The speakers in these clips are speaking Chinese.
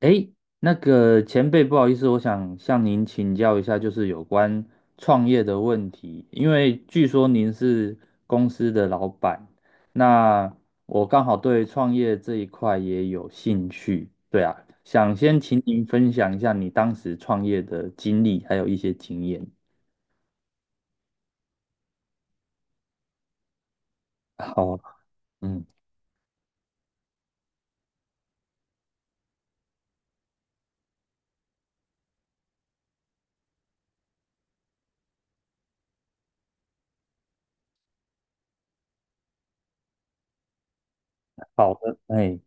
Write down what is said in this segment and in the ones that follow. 诶，那个前辈，不好意思，我想向您请教一下，就是有关创业的问题。因为据说您是公司的老板，那我刚好对创业这一块也有兴趣。对啊，想先请您分享一下你当时创业的经历，还有一些经验。好，嗯，好的，哎，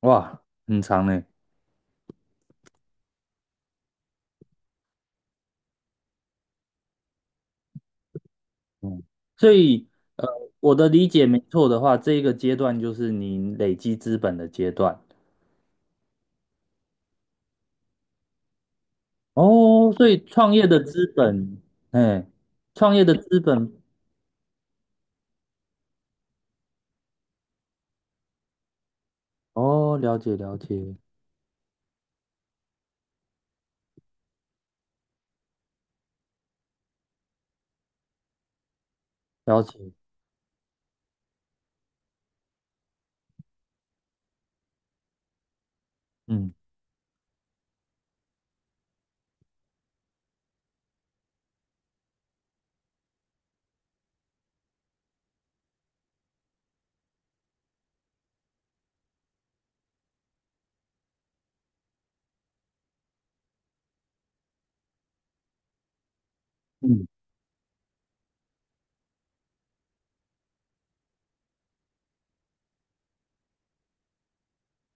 哇，很长呢。嗯，所以，呃，我的理解没错的话，这一个阶段就是您累积资本的阶段。哦，所以哎，创业的资本。哦，了解了解了解，嗯嗯，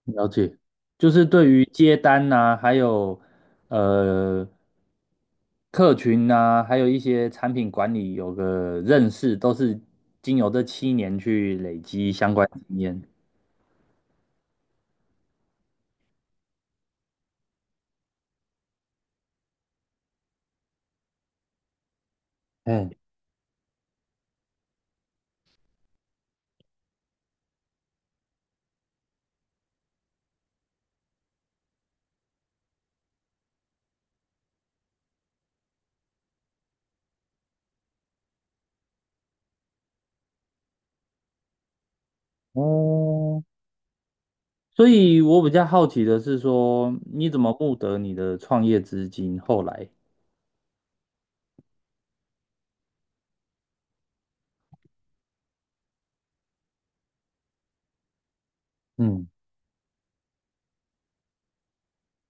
了解，就是对于接单呐、还有呃客群呐、还有一些产品管理有个认识，都是经由这7年去累积相关经验。哎，哦，所以我比较好奇的是说，你怎么募得你的创业资金？后来，嗯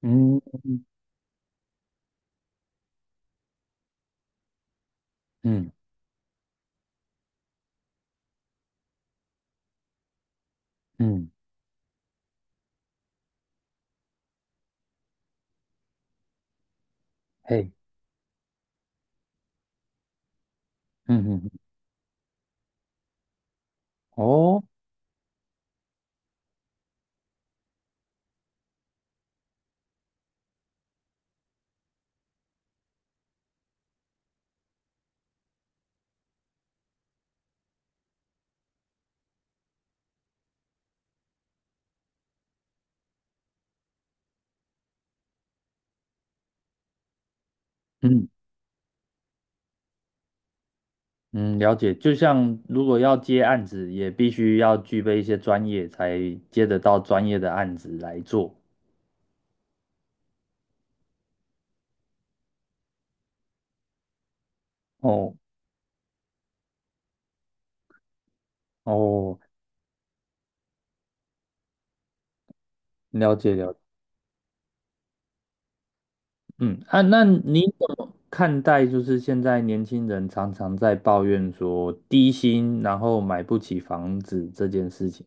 嗯。嗯嗯，嘿，嗯嗯嗯哦，嗯嗯，了解。就像如果要接案子，也必须要具备一些专业，才接得到专业的案子来做。哦哦，了解了解，嗯啊，那你怎么看待就是现在年轻人常常在抱怨说低薪，然后买不起房子这件事情？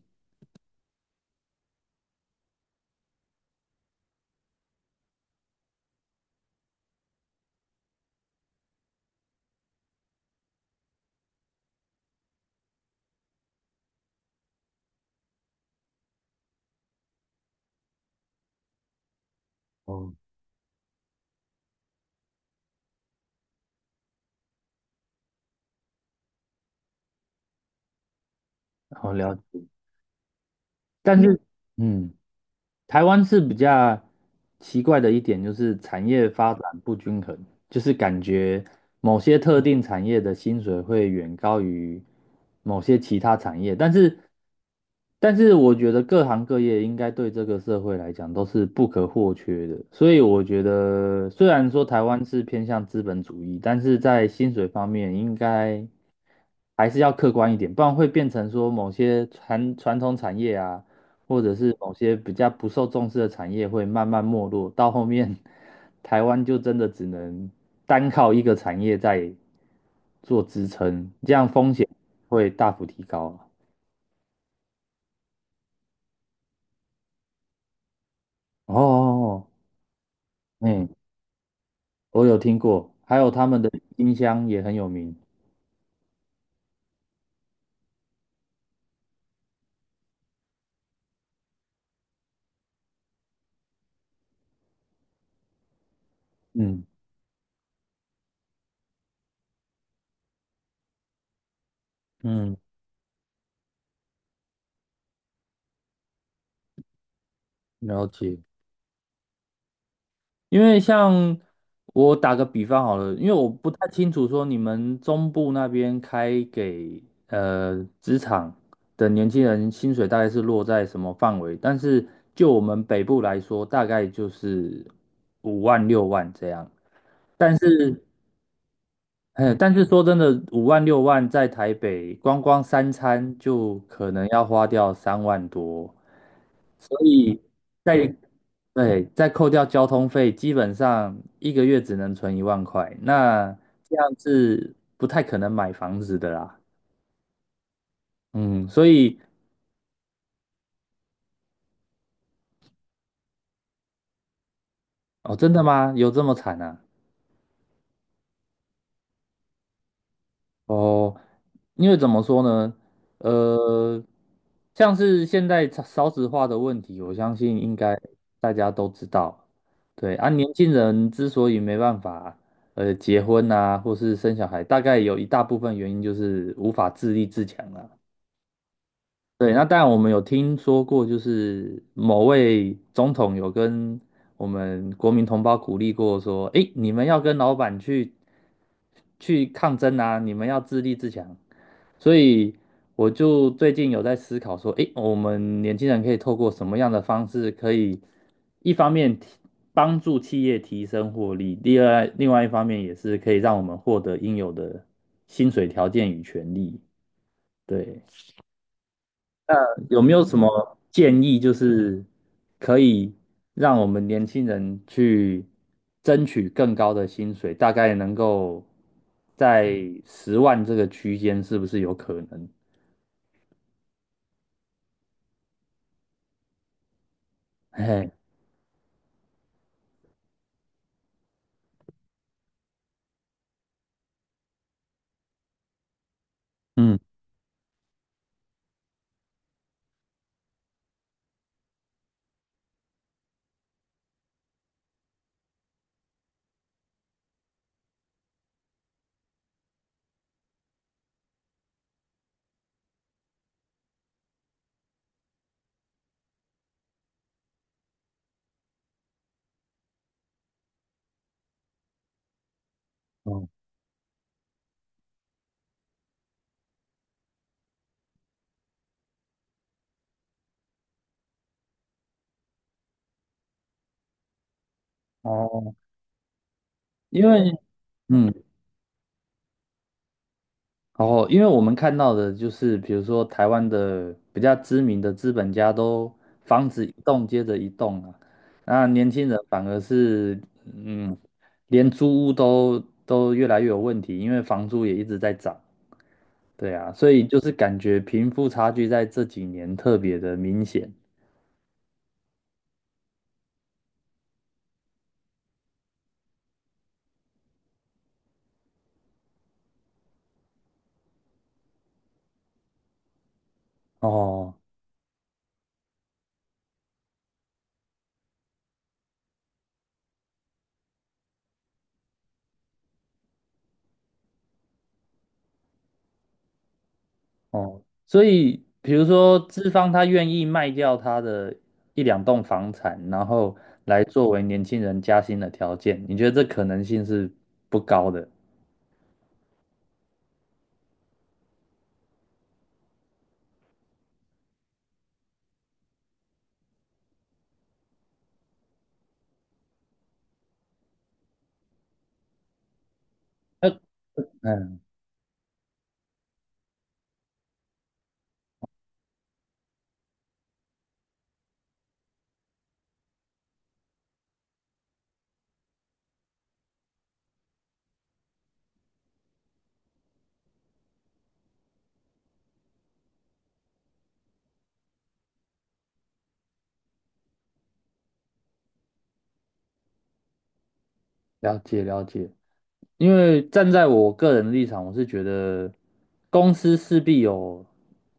哦，好，了解。但是，嗯。台湾是比较奇怪的一点，就是产业发展不均衡，就是感觉某些特定产业的薪水会远高于某些其他产业，但是我觉得各行各业应该对这个社会来讲都是不可或缺的，所以我觉得虽然说台湾是偏向资本主义，但是在薪水方面应该，还是要客观一点，不然会变成说某些传统产业啊，或者是某些比较不受重视的产业会慢慢没落，到后面 台湾就真的只能单靠一个产业在做支撑，这样风险会大幅提高啊。哦，嗯，我有听过，还有他们的音箱也很有名。嗯嗯，了解。因为像我打个比方好了，因为我不太清楚说你们中部那边开给职场的年轻人薪水大概是落在什么范围，但是就我们北部来说，大概就是五万六万这样。但是，哎，但是说真的，五万六万在台北光光三餐就可能要花掉3万多，所以在对，再扣掉交通费，基本上一个月只能存1万块，那这样是不太可能买房子的啦。嗯，所以哦，真的吗？有这么惨啊？哦，因为怎么说呢？呃，像是现在少子化的问题，我相信应该大家都知道。对啊，年轻人之所以没办法结婚啊，或是生小孩，大概有一大部分原因就是无法自立自强了。对，那当然我们有听说过，就是某位总统有跟我们国民同胞鼓励过，说：“诶，你们要跟老板去抗争啊，你们要自立自强。”所以我就最近有在思考说，诶，我们年轻人可以透过什么样的方式，可以一方面帮助企业提升获利，第二另外一方面也是可以让我们获得应有的薪水条件与权利。对。有没有什么建议，就是可以让我们年轻人去争取更高的薪水，大概能够在10万这个区间，是不是有可能？嘿，嗯，哦，哦因为嗯，哦，因为我们看到的就是，比如说台湾的比较知名的资本家都房子一栋接着一栋啊，那年轻人反而是，嗯，连租屋都越来越有问题，因为房租也一直在涨，对啊，所以就是感觉贫富差距在这几年特别的明显。哦，哦，所以比如说资方他愿意卖掉他的一两栋房产，然后来作为年轻人加薪的条件，你觉得这可能性是不高的？呃嗯，了解了解。因为站在我个人的立场，我是觉得公司势必有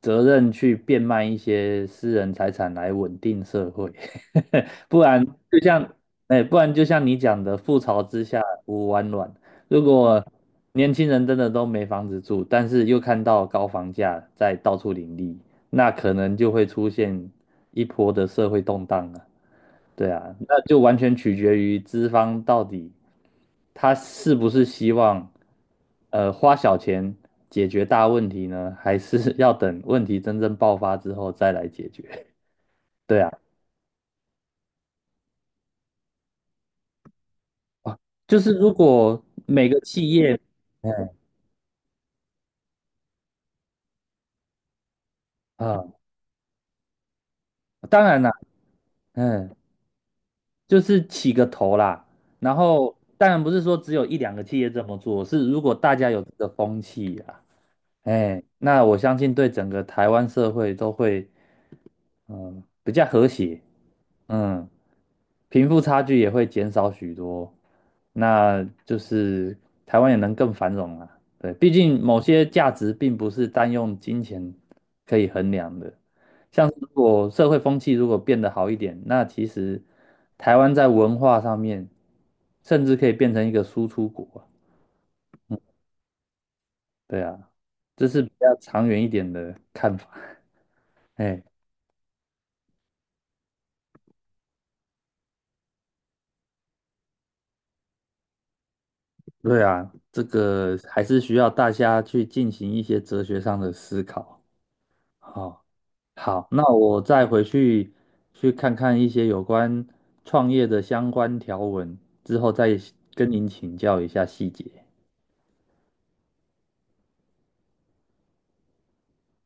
责任去变卖一些私人财产来稳定社会，不然就像，哎，不然就像你讲的，覆巢之下无完卵。如果年轻人真的都没房子住，但是又看到高房价在到处林立，那可能就会出现一波的社会动荡了。对啊，那就完全取决于资方到底。他是不是希望花小钱解决大问题呢？还是要等问题真正爆发之后再来解决？对啊，就是如果每个企业嗯啊，当然啦，嗯，就是起个头啦。然后，当然不是说只有一两个企业这么做，是如果大家有这个风气啊，哎，那我相信对整个台湾社会都会，嗯，比较和谐，嗯，贫富差距也会减少许多，那就是台湾也能更繁荣啊。对，毕竟某些价值并不是单用金钱可以衡量的。像是如果社会风气如果变得好一点，那其实台湾在文化上面甚至可以变成一个输出国啊。对啊，这是比较长远一点的看法。哎，对啊，这个还是需要大家去进行一些哲学上的思考。好，好，那我再回去看看一些有关创业的相关条文，之后再跟您请教一下细节。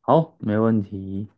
好，没问题。